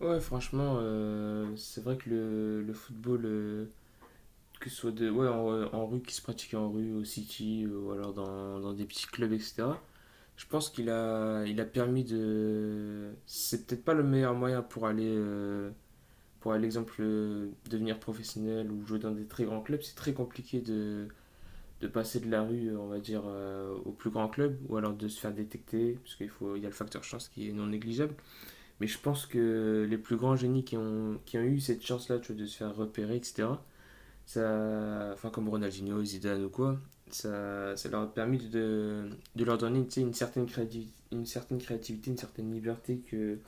Ouais, franchement, c'est vrai que le football, que ce soit de, ouais, en rue, qui se pratique en rue, au city, ou alors dans des petits clubs, etc. Je pense qu'il a permis de... C'est peut-être pas le meilleur moyen pour aller, pour à l'exemple, devenir professionnel ou jouer dans des très grands clubs. C'est très compliqué de passer de la rue, on va dire, au plus grand club, ou alors de se faire détecter, parce qu'il faut, il y a le facteur chance qui est non négligeable. Mais je pense que les plus grands génies qui ont eu cette chance-là, tu vois, de se faire repérer, etc. Ça, enfin, comme Ronaldinho, Zidane ou quoi, ça leur a permis de leur donner, tu sais, une certaine créativité, une certaine créativité, une certaine liberté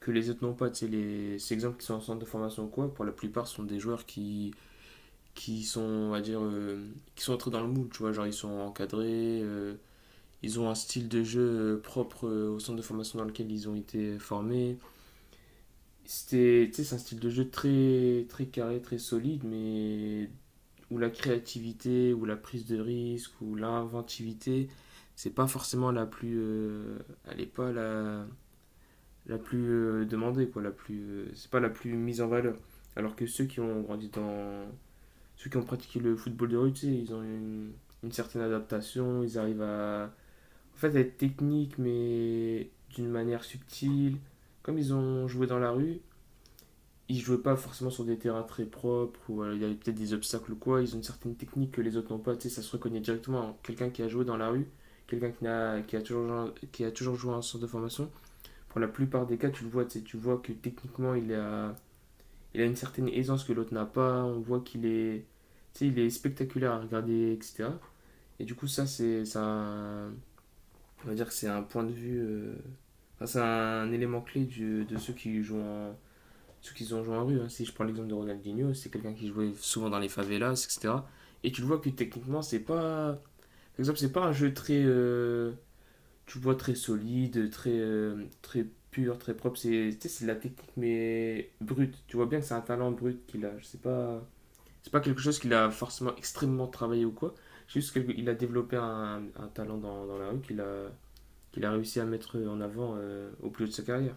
que les autres n'ont pas. Tu sais, les, ces exemples qui sont en centre de formation ou quoi, pour la plupart, sont des joueurs qui sont, on va dire, qui sont entrés dans le moule, tu vois, genre ils sont encadrés, ils ont un style de jeu propre au centre de formation dans lequel ils ont été formés. C'était, tu sais, c'est un style de jeu très, très carré, très solide, mais où la créativité, où la prise de risque, où l'inventivité, c'est pas forcément la plus, elle est pas la, la plus demandée, quoi, la plus, c'est pas la plus mise en valeur. Alors que ceux qui ont grandi dans, ceux qui ont pratiqué le football de rue, tu sais, ils ont une certaine adaptation, ils arrivent à, en fait, à être techniques, mais d'une manière subtile. Comme ils ont joué dans la rue, ils jouaient pas forcément sur des terrains très propres ou il y avait peut-être des obstacles ou quoi. Ils ont une certaine technique que les autres n'ont pas. Tu sais, ça se reconnaît directement. Quelqu'un qui a joué dans la rue, quelqu'un qui, a toujours, qui a toujours joué en centre de formation, pour la plupart des cas, tu le vois. Tu sais, tu vois que techniquement, il a une certaine aisance que l'autre n'a pas. On voit qu'il est, tu sais, il est spectaculaire à regarder, etc. Et du coup, ça, c'est un, on va dire que c'est un point de vue. Enfin, c'est un élément clé de ceux qui jouent en, ceux qui ont joué en rue, hein. Si je prends l'exemple de Ronaldinho, c'est quelqu'un qui jouait souvent dans les favelas, etc. Et tu le vois que techniquement, c'est pas. Par exemple, c'est pas un jeu très. Tu vois, très solide, très, très pur, très propre. C'est tu sais, c'est de la technique, mais brute. Tu vois bien que c'est un talent brut qu'il a. Je sais pas. C'est pas quelque chose qu'il a forcément extrêmement travaillé ou quoi. C'est juste qu'il a développé un talent dans, dans la rue qu'il a, qu'il a réussi à mettre en avant au plus haut de sa carrière.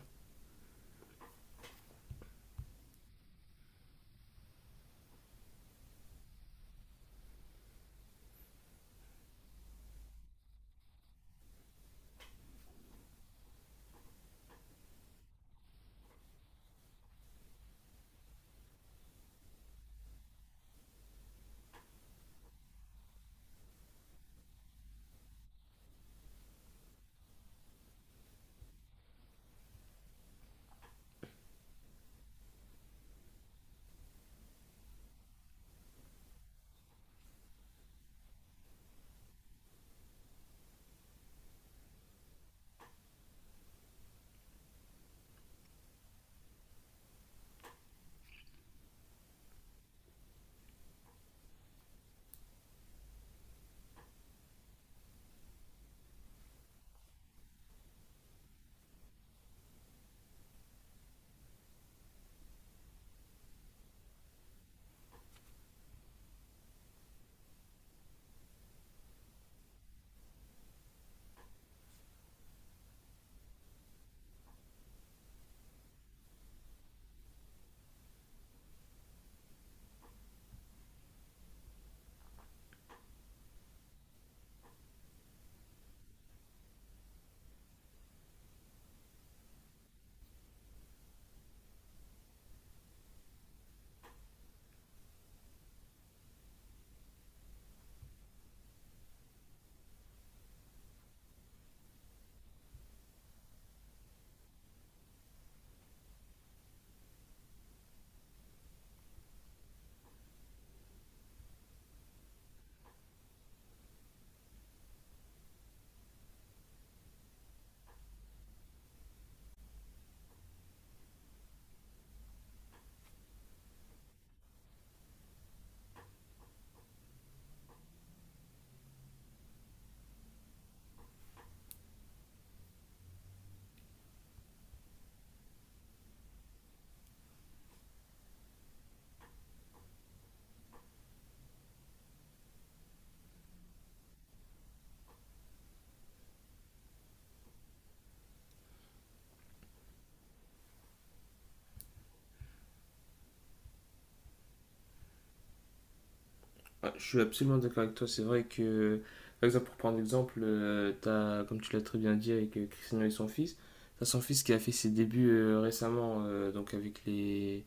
Ah, je suis absolument d'accord avec toi. C'est vrai que, par exemple, pour prendre l'exemple, t'as, comme tu l'as très bien dit avec Cristiano et son fils, t'as son fils qui a fait ses débuts récemment, donc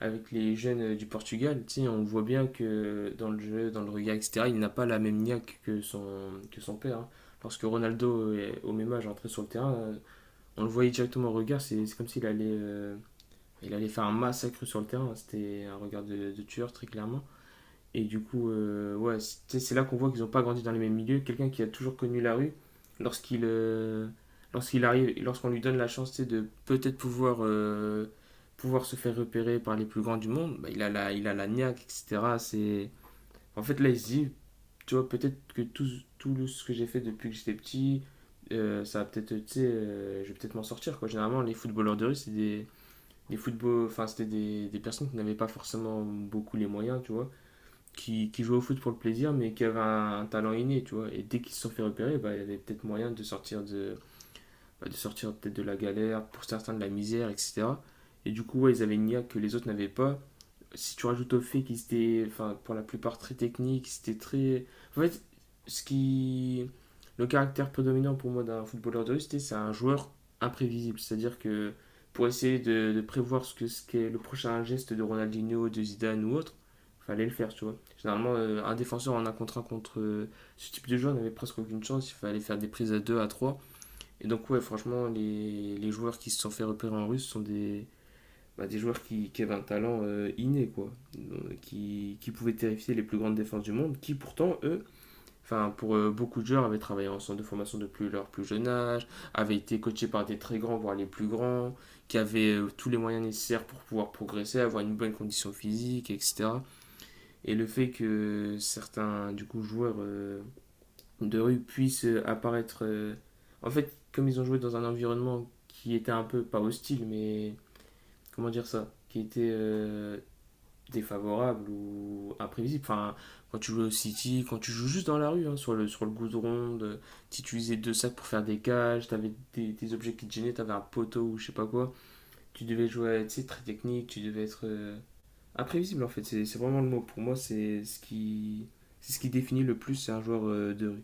avec les jeunes du Portugal. Tu sais, on voit bien que dans le jeu, dans le regard, etc., il n'a pas la même niaque que son père, hein. Lorsque Ronaldo, au même âge, entrait sur le terrain, on le voyait directement au regard. C'est comme s'il allait, il allait faire un massacre sur le terrain. C'était un regard de tueur, très clairement. Et du coup, ouais, c'est là qu'on voit qu'ils n'ont pas grandi dans les mêmes milieux. Quelqu'un qui a toujours connu la rue, lorsqu'il euh, lorsqu'il arrive, et lorsqu'on lui donne la chance tu sais, de peut-être pouvoir, pouvoir se faire repérer par les plus grands du monde, bah, il a la niaque, etc. C'est... En fait, là, il se dit, tu vois, peut-être que tout, tout ce que j'ai fait depuis que j'étais petit, ça va peut-être, tu sais, je vais peut-être m'en sortir, quoi. Généralement, les footballeurs de rue, c'est des football, enfin, c'était des personnes qui n'avaient pas forcément beaucoup les moyens, tu vois qui jouait au foot pour le plaisir, mais qui avait un talent inné, tu vois. Et dès qu'ils se sont fait repérer, bah, il y avait peut-être moyen de sortir de, bah, de sortir peut-être de la galère, pour certains de la misère, etc. Et du coup, ouais, ils avaient une IA que les autres n'avaient pas, si tu rajoutes au fait qu'ils étaient, enfin, pour la plupart très techniques, c'était très. En fait, ce qui. Le caractère prédominant pour moi d'un footballeur de rue, c'est un joueur imprévisible. C'est-à-dire que pour essayer de prévoir ce qu'est le prochain geste de Ronaldinho, de Zidane ou autre, fallait le faire, tu vois. Généralement, un défenseur en un contre ce type de joueur n'avait presque aucune chance. Il fallait faire des prises à 2, à 3. Et donc, ouais, franchement, les joueurs qui se sont fait repérer en russe sont des, bah, des joueurs qui avaient un talent inné, quoi, qui pouvaient terrifier les plus grandes défenses du monde, qui pourtant, eux, enfin pour beaucoup de joueurs, avaient travaillé en centre de formation depuis leur plus jeune âge, avaient été coachés par des très grands, voire les plus grands, qui avaient tous les moyens nécessaires pour pouvoir progresser, avoir une bonne condition physique, etc. Et le fait que certains du coup joueurs de rue puissent apparaître, en fait, comme ils ont joué dans un environnement qui était un peu pas hostile, mais comment dire ça, qui était défavorable ou imprévisible. Enfin, quand tu joues au City, quand tu joues juste dans la rue, hein, sur le goudron, de, si tu utilisais deux sacs pour faire des cages, t'avais des objets qui te gênaient, t'avais un poteau ou je sais pas quoi. Tu devais jouer, tu sais, très technique, tu devais être imprévisible en fait. C'est vraiment le mot. Pour moi, c'est ce qui définit le plus un joueur de rue.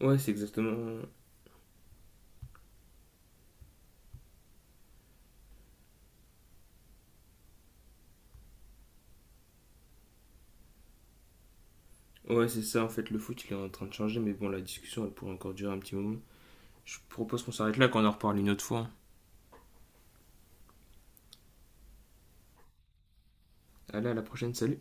Ouais, c'est exactement. Ouais, c'est ça en fait. Le foot, il est en train de changer, mais bon, la discussion, elle pourrait encore durer un petit moment. Je propose qu'on s'arrête là, qu'on en reparle une autre fois. Allez, à la prochaine, salut!